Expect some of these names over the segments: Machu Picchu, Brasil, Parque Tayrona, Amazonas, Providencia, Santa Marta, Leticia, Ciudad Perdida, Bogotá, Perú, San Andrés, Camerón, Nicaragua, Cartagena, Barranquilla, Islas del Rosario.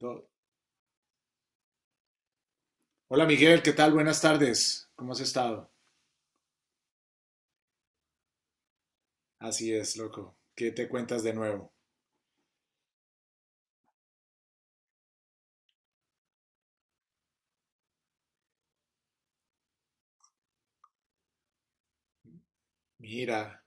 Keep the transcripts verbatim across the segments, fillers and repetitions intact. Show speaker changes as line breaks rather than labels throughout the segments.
Do- Hola Miguel, ¿qué tal? Buenas tardes. ¿Cómo has estado? Así es, loco. ¿Qué te cuentas de nuevo? Mira.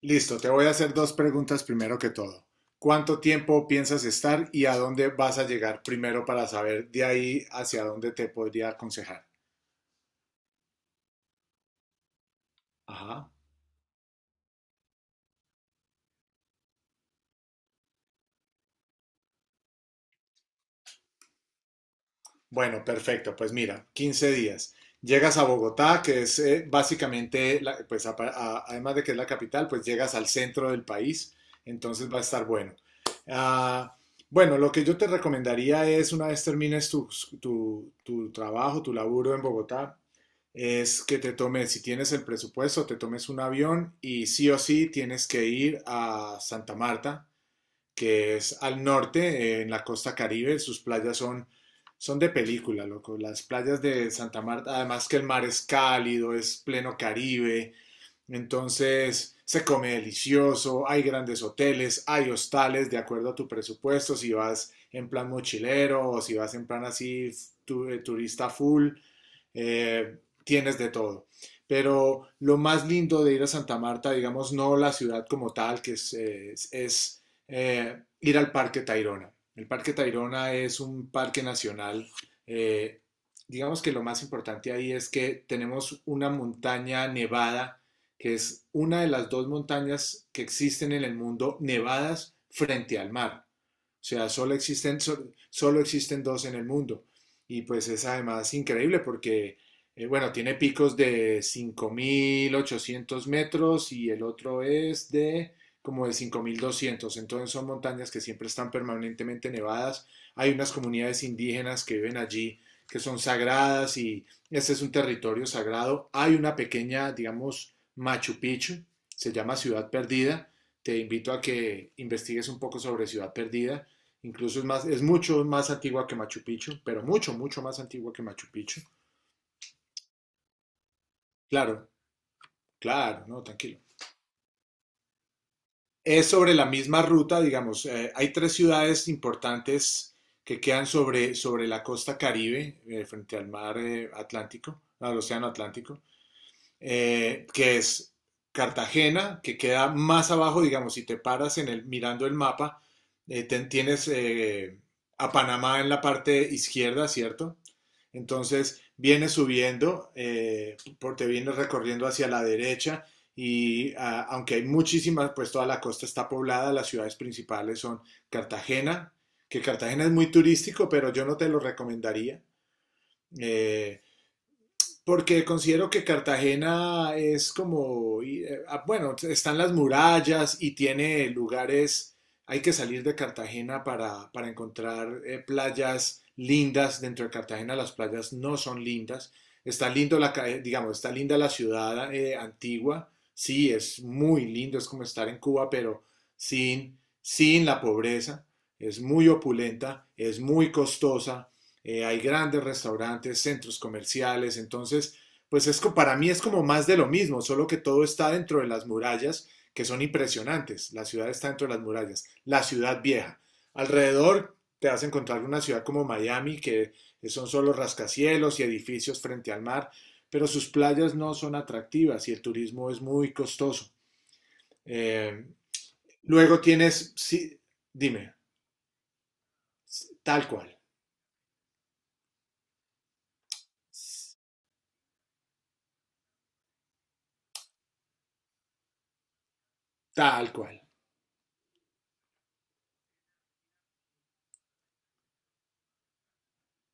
Listo, te voy a hacer dos preguntas primero que todo. ¿Cuánto tiempo piensas estar y a dónde vas a llegar primero para saber de ahí hacia dónde te podría aconsejar? Ajá. Bueno, perfecto. Pues mira, quince días. Llegas a Bogotá, que es eh, básicamente, la- pues apa- a- además de que es la capital, pues llegas al centro del país, entonces va a estar bueno. Ah, bueno, lo que yo te recomendaría es, una vez termines tu, tu- tu trabajo, tu laburo en Bogotá, es que te tomes, si tienes el presupuesto, te tomes un avión y sí o sí tienes que ir a Santa Marta, que es al norte, eh, en la costa caribe. Sus playas son, son de película, loco. Las playas de Santa Marta, además que el mar es cálido, es pleno caribe. Entonces se come delicioso, hay grandes hoteles, hay hostales de acuerdo a tu presupuesto, si vas en plan mochilero o si vas en plan así tu- eh, turista full, eh, tienes de todo. Pero lo más lindo de ir a Santa Marta, digamos, no la ciudad como tal, que es, es, es eh, ir al Parque Tayrona. El Parque Tayrona es un parque nacional. Eh, digamos que lo más importante ahí es que tenemos una montaña nevada, que es una de las dos montañas que existen en el mundo nevadas frente al mar. O sea, solo existen, solo existen dos en el mundo. Y pues es además increíble porque, eh, bueno, tiene picos de cinco mil ochocientos metros y el otro es de como de cinco mil doscientos. Entonces son montañas que siempre están permanentemente nevadas. Hay unas comunidades indígenas que viven allí, que son sagradas, y este es un territorio sagrado. Hay una pequeña, digamos, Machu Picchu, se llama Ciudad Perdida. Te invito a que investigues un poco sobre Ciudad Perdida. Incluso es, más, es mucho más antigua que Machu Picchu, pero mucho, mucho más antigua que Machu Picchu. Claro, claro, no, tranquilo. Es sobre la misma ruta, digamos. Eh, hay tres ciudades importantes que quedan sobre, sobre la costa Caribe, eh, frente al mar, eh, Atlántico, al océano Atlántico, eh, que es Cartagena, que queda más abajo, digamos, si te paras en el, mirando el mapa, eh, ten- tienes eh, a Panamá en la parte izquierda, ¿cierto? Entonces vienes subiendo, eh, por- te vienes recorriendo hacia la derecha y, ah, aunque hay muchísimas, pues toda la costa está poblada, las ciudades principales son Cartagena, que Cartagena es muy turístico, pero yo no te lo recomendaría. Eh, Porque considero que Cartagena es como, y, eh, ah, bueno, están las murallas y tiene lugares, hay que salir de Cartagena para, para encontrar, eh, playas lindas. Dentro de Cartagena las playas no son lindas. Está lindo la, ca- eh, digamos, está linda la ciudad, eh, antigua. Sí, es muy lindo, es como estar en Cuba, pero sin, sin la pobreza. Es muy opulenta, es muy costosa, eh, hay grandes restaurantes, centros comerciales, entonces, pues es, co- para mí es como más de lo mismo, solo que todo está dentro de las murallas, que son impresionantes. La ciudad está dentro de las murallas, la ciudad vieja. Alrededor te vas a encontrar una ciudad como Miami, que son solo rascacielos y edificios frente al mar, pero sus playas no son atractivas y el turismo es muy costoso. Eh, Luego tienes, sí, dime, tal cual, tal cual,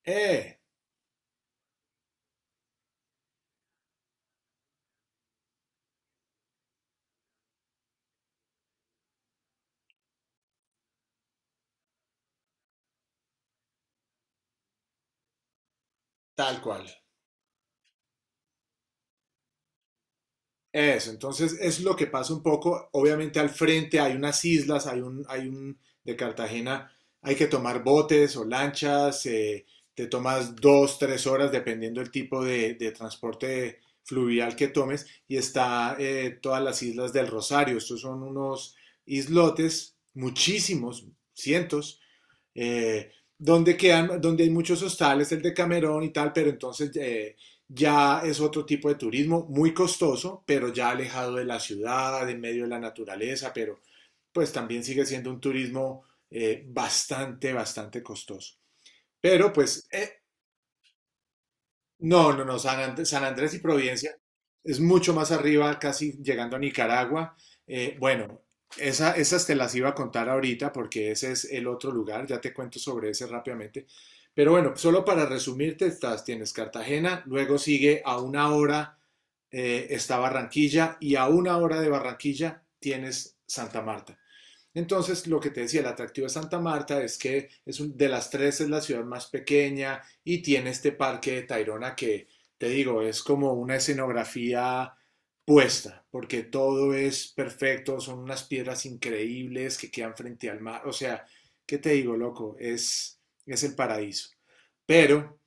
eh, tal cual. Eso, entonces es lo que pasa un poco. Obviamente al frente hay unas islas, hay un, hay un de Cartagena, hay que tomar botes o lanchas, eh, te tomas dos, tres horas dependiendo del tipo de, de transporte fluvial que tomes y está, eh, todas las islas del Rosario. Estos son unos islotes, muchísimos, cientos, eh, donde, quedan, donde hay muchos hostales, el de Camerón y tal, pero entonces, eh, ya es otro tipo de turismo muy costoso, pero ya alejado de la ciudad, en medio de la naturaleza, pero pues también sigue siendo un turismo, eh, bastante, bastante costoso. Pero pues, eh, no, no, no, San Andrés, San Andrés y Providencia es mucho más arriba, casi llegando a Nicaragua. Eh, bueno, esa, esas te las iba a contar ahorita, porque ese es el otro lugar. Ya te cuento sobre ese rápidamente. Pero bueno, solo para resumirte, estás, tienes Cartagena, luego sigue a una hora, eh, está Barranquilla, y a una hora de Barranquilla tienes Santa Marta. Entonces, lo que te decía, el atractivo de Santa Marta es que es un- de las tres es la ciudad más pequeña, y tiene este parque de Tayrona que, te digo, es como una escenografía puesta, porque todo es perfecto, son unas piedras increíbles que quedan frente al mar. O sea, ¿qué te digo, loco? Es, es el paraíso. Pero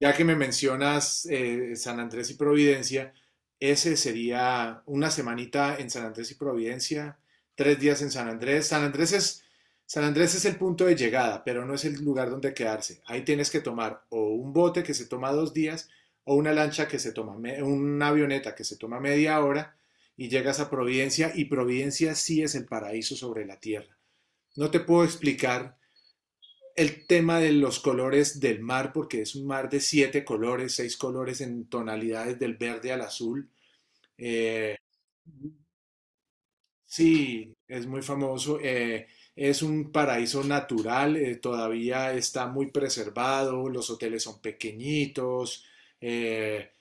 ya que me mencionas, eh, San Andrés y Providencia, ese sería una semanita en San Andrés y Providencia, tres días en San Andrés. San Andrés es, San Andrés es el punto de llegada, pero no es el lugar donde quedarse. Ahí tienes que tomar o un bote que se toma dos días, o una lancha que se toma, me- una avioneta que se toma media hora, y llegas a Providencia, y Providencia sí es el paraíso sobre la tierra. No te puedo explicar el tema de los colores del mar, porque es un mar de siete colores, seis colores en tonalidades del verde al azul. Eh, sí, es muy famoso. Eh, es un paraíso natural, eh, todavía está muy preservado, los hoteles son pequeñitos, eh,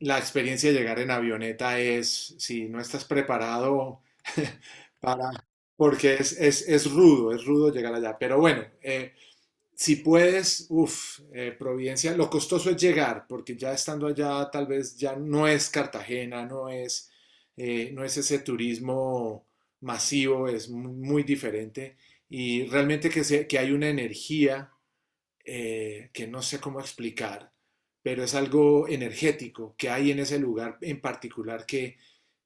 la experiencia de llegar en avioneta es, si no estás preparado para, porque es, es, es rudo, es rudo llegar allá. Pero bueno, eh, si puedes, uff, eh, Providencia, lo costoso es llegar, porque ya estando allá tal vez ya no es Cartagena, no es, eh, no es ese turismo masivo, es muy, muy diferente, y realmente que, se- que hay una energía, eh, que no sé cómo explicar, pero es algo energético que hay en ese lugar en particular, que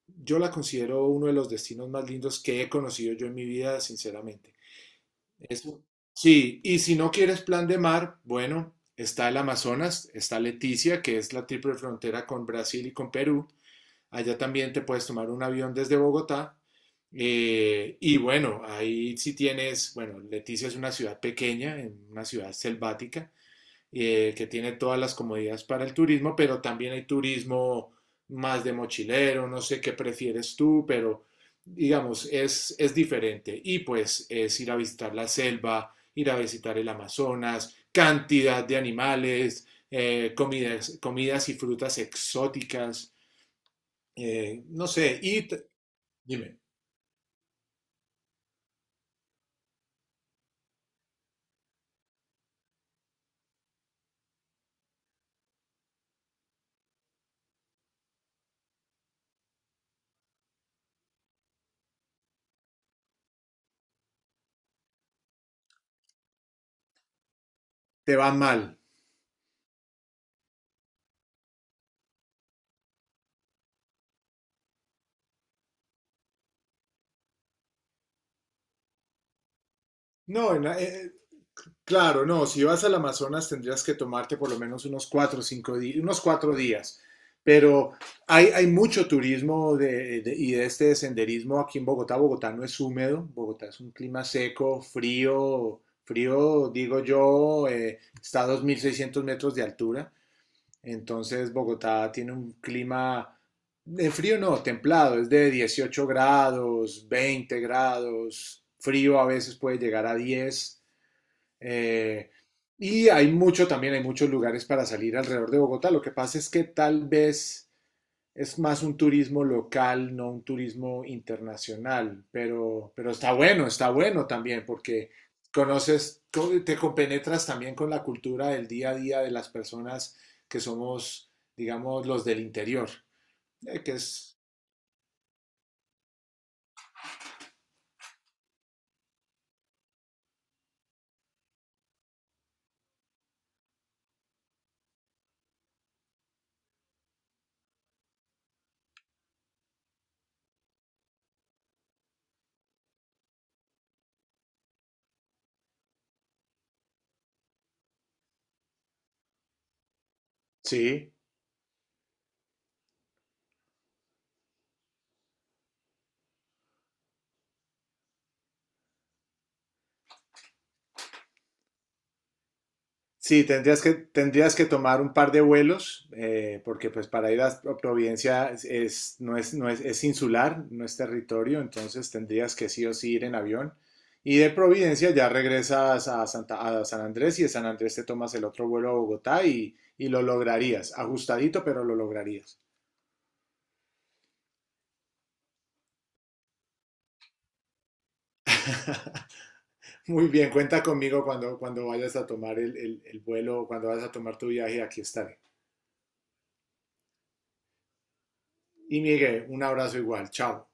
yo la considero uno de los destinos más lindos que he conocido yo en mi vida, sinceramente. Eso. Sí, y si no quieres plan de mar, bueno, está el Amazonas, está Leticia, que es la triple frontera con Brasil y con Perú. Allá también te puedes tomar un avión desde Bogotá. Eh, y bueno, ahí sí tienes, bueno, Leticia es una ciudad pequeña, en una ciudad selvática, eh, que tiene todas las comodidades para el turismo, pero también hay turismo más de mochilero, no sé qué prefieres tú, pero digamos, es, es diferente. Y pues es ir a visitar la selva, ir a visitar el Amazonas, cantidad de animales, eh, comidas, comidas y frutas exóticas, eh, no sé, y. Dime. Te va mal. No, en la- eh, claro, no, si vas al Amazonas tendrías que tomarte por lo menos unos cuatro o cinco días, unos cuatro días. Pero hay, hay mucho turismo de, de- y de este de senderismo aquí en Bogotá. Bogotá no es húmedo, Bogotá es un clima seco, frío, frío, digo yo, eh, está a dos mil seiscientos metros de altura. Entonces Bogotá tiene un clima, de frío no, templado, es de dieciocho grados, veinte grados, frío a veces puede llegar a diez. Eh, y hay mucho también, hay muchos lugares para salir alrededor de Bogotá. Lo que pasa es que tal vez es más un turismo local, no un turismo internacional, pero, pero, está bueno, está bueno también porque conoces, co- te compenetras también con la cultura del día a día de las personas que somos, digamos, los del interior, eh, que es, sí. Sí, tendrías que, tendrías que tomar un par de vuelos, eh, porque pues para ir a Providencia es, es- no es, no es, es insular, no es territorio, entonces tendrías que sí o sí ir en avión. Y de Providencia ya regresas a, Santa, a San Andrés, y de San Andrés te tomas el otro vuelo a Bogotá, y, y lo lograrías, ajustadito, pero lo lograrías. Muy bien, cuenta conmigo cuando, cuando, vayas a tomar el, el, el vuelo, cuando vayas a tomar tu viaje, aquí estaré. Y Miguel, un abrazo igual, chao.